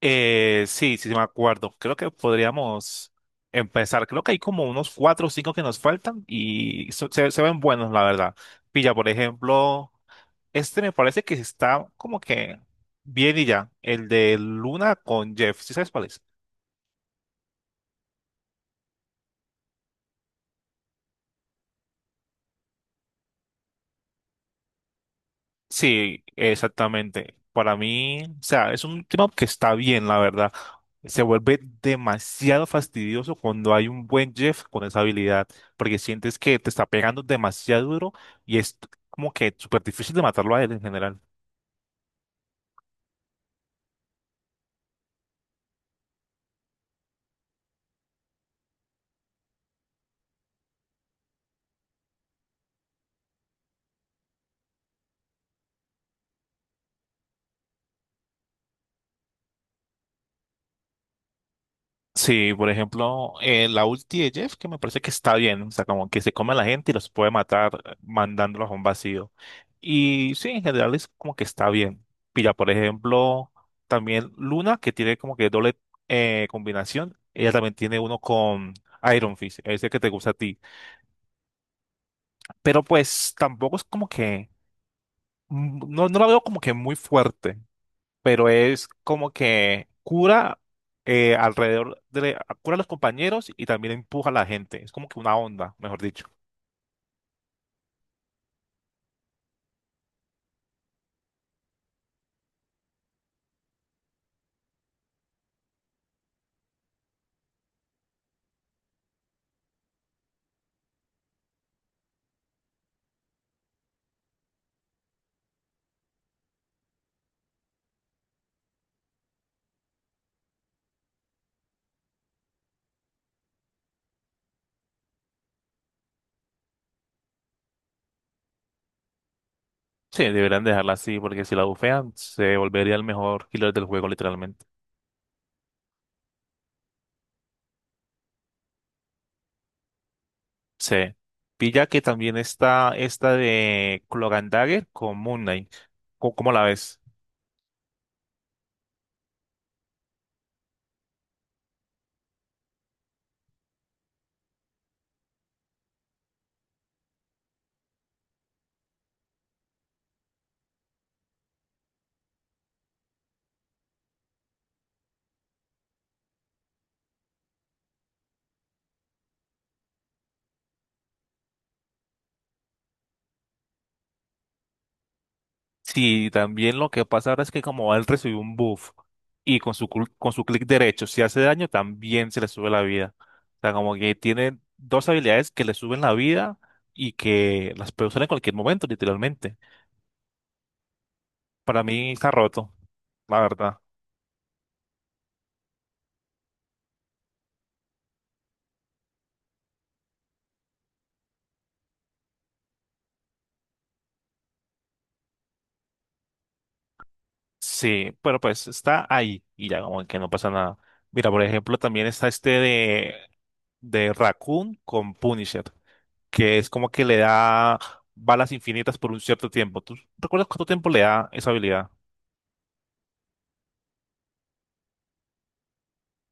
Sí, me acuerdo. Creo que podríamos empezar. Creo que hay como unos cuatro o cinco que nos faltan y se ven buenos, la verdad. Pilla, por ejemplo, este me parece que está como que bien y ya. El de Luna con Jeff. ¿Sí sabes cuál es? Sí, exactamente. Para mí, o sea, es un tema que está bien, la verdad. Se vuelve demasiado fastidioso cuando hay un buen Jeff con esa habilidad, porque sientes que te está pegando demasiado duro y es como que súper difícil de matarlo a él en general. Sí, por ejemplo, la ulti de Jeff, que me parece que está bien, o sea, como que se come a la gente y los puede matar mandándolos a un vacío. Y sí, en general es como que está bien. Mira, por ejemplo, también Luna, que tiene como que doble combinación, ella también tiene uno con Iron Fist, ese que te gusta a ti. Pero pues tampoco es como que, no, no la veo como que muy fuerte, pero es como que cura cura a los compañeros y también empuja a la gente. Es como que una onda, mejor dicho. Sí, deberían dejarla así, porque si la bufean, se volvería el mejor killer del juego, literalmente. Sí. Pilla que también está esta de Cloak and Dagger con Moon Knight. ¿Cómo la ves? Sí, también lo que pasa ahora es que como él recibió un buff y con con su clic derecho, si hace daño, también se le sube la vida. O sea, como que tiene dos habilidades que le suben la vida y que las puede usar en cualquier momento, literalmente. Para mí está roto, la verdad. Sí, pero pues está ahí y ya como que no pasa nada. Mira, por ejemplo, también está este de Raccoon con Punisher, que es como que le da balas infinitas por un cierto tiempo. ¿Tú recuerdas cuánto tiempo le da esa habilidad?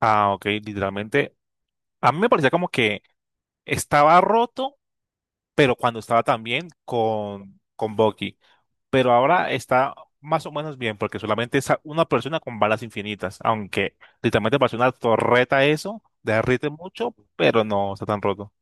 Ah, ok, literalmente. A mí me parecía como que estaba roto, pero cuando estaba también con Bucky. Pero ahora está más o menos bien, porque solamente es una persona con balas infinitas. Aunque literalmente parece una torreta eso, derrite mucho, pero no está tan roto.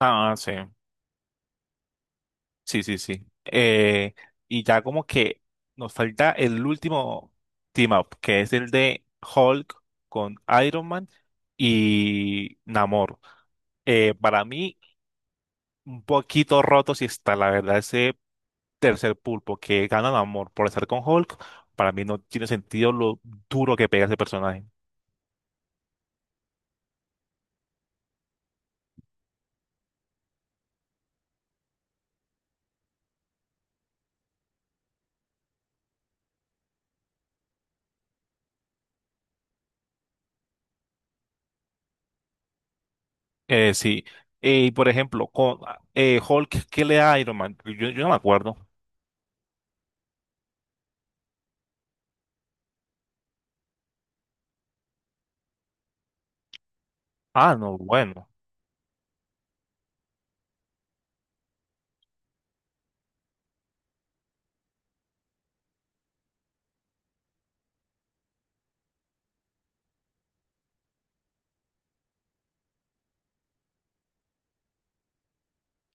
Ah, sí. Sí, sí, sí. Y ya como que nos falta el último team up, que es el de Hulk con Iron Man y Namor. Para mí, un poquito roto si está, la verdad, ese tercer pulpo que gana Namor por estar con Hulk, para mí no tiene sentido lo duro que pega ese personaje. Sí. Y por ejemplo, con Hulk, ¿qué le da a Iron Man? Yo no me acuerdo. Ah, no, bueno.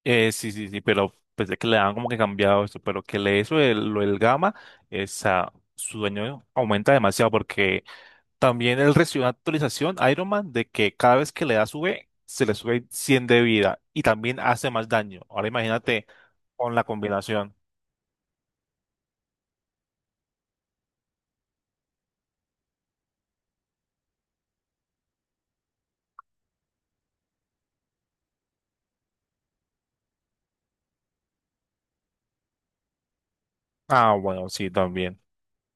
Sí, sí, sí, pero pensé que le han como que cambiado esto, pero que le eso lo del gamma, su daño aumenta demasiado porque también él recibió una actualización Iron Man de que cada vez que le da sube, se le sube 100 de vida y también hace más daño. Ahora imagínate con la combinación. Ah, bueno, sí, también.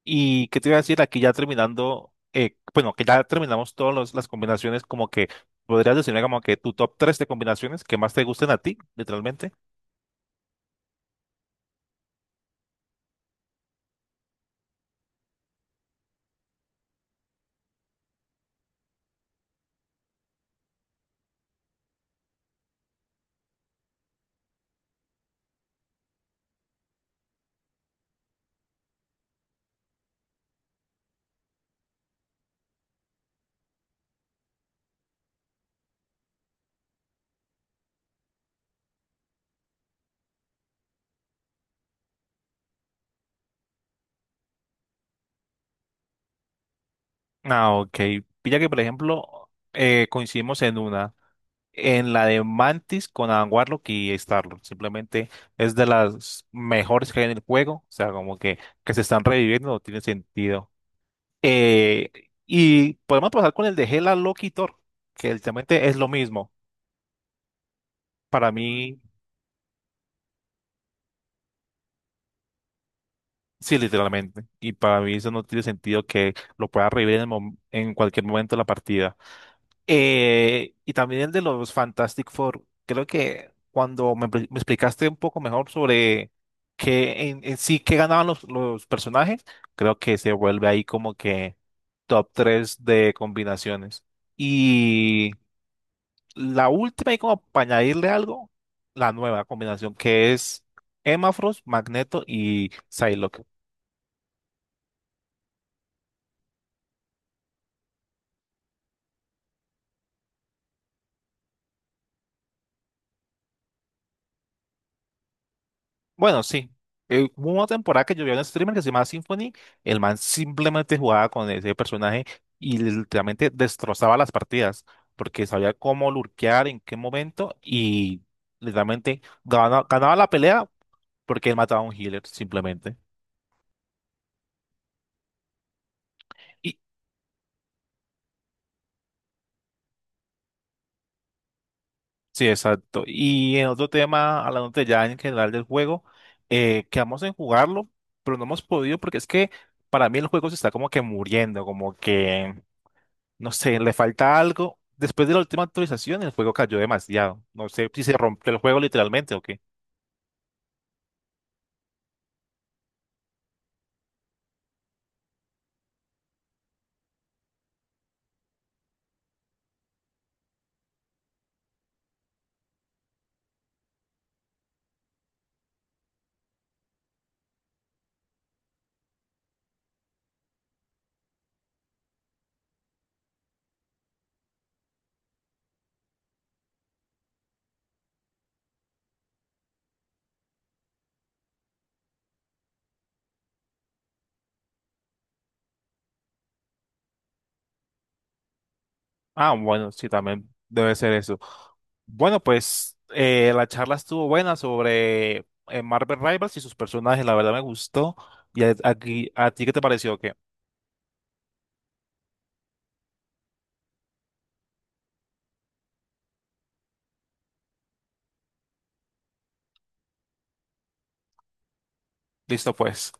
¿Y qué te iba a decir? Aquí ya terminando, bueno, que ya terminamos todas las combinaciones, como que podrías decirme como que tu top 3 de combinaciones que más te gusten a ti, literalmente. Ah, ok. Pilla que, por ejemplo, coincidimos en la de Mantis con Adam Warlock y Starlord. Simplemente es de las mejores que hay en el juego. O sea, como que se están reviviendo, no tiene sentido. Eh, y podemos pasar con el de Hela, Loki y Thor, que literalmente es lo mismo. Para mí, sí, literalmente. Y para mí eso no tiene sentido que lo pueda revivir en cualquier momento de la partida. Y también el de los Fantastic Four. Creo que cuando me explicaste un poco mejor sobre qué en sí qué ganaban los personajes, creo que se vuelve ahí como que top 3 de combinaciones. Y la última, y como para añadirle algo, la nueva combinación que es Emma Frost, Magneto y Psylocke. Bueno, sí. Hubo una temporada que yo vi a un streamer que se llamaba Symphony. El man simplemente jugaba con ese personaje y literalmente destrozaba las partidas porque sabía cómo lurkear, en qué momento y literalmente ganaba la pelea porque él mataba a un healer simplemente. Y, sí, exacto. Y en otro tema, hablando ya en general del juego, quedamos en jugarlo, pero no hemos podido porque es que para mí el juego se está como que muriendo, como que. No sé, le falta algo. Después de la última actualización, el juego cayó demasiado. No sé si se rompió el juego literalmente o qué. Ah, bueno, sí, también debe ser eso. Bueno, pues la charla estuvo buena sobre Marvel Rivals y sus personajes. La verdad me gustó. ¿Y a ti qué te pareció? ¿Qué? Listo, pues.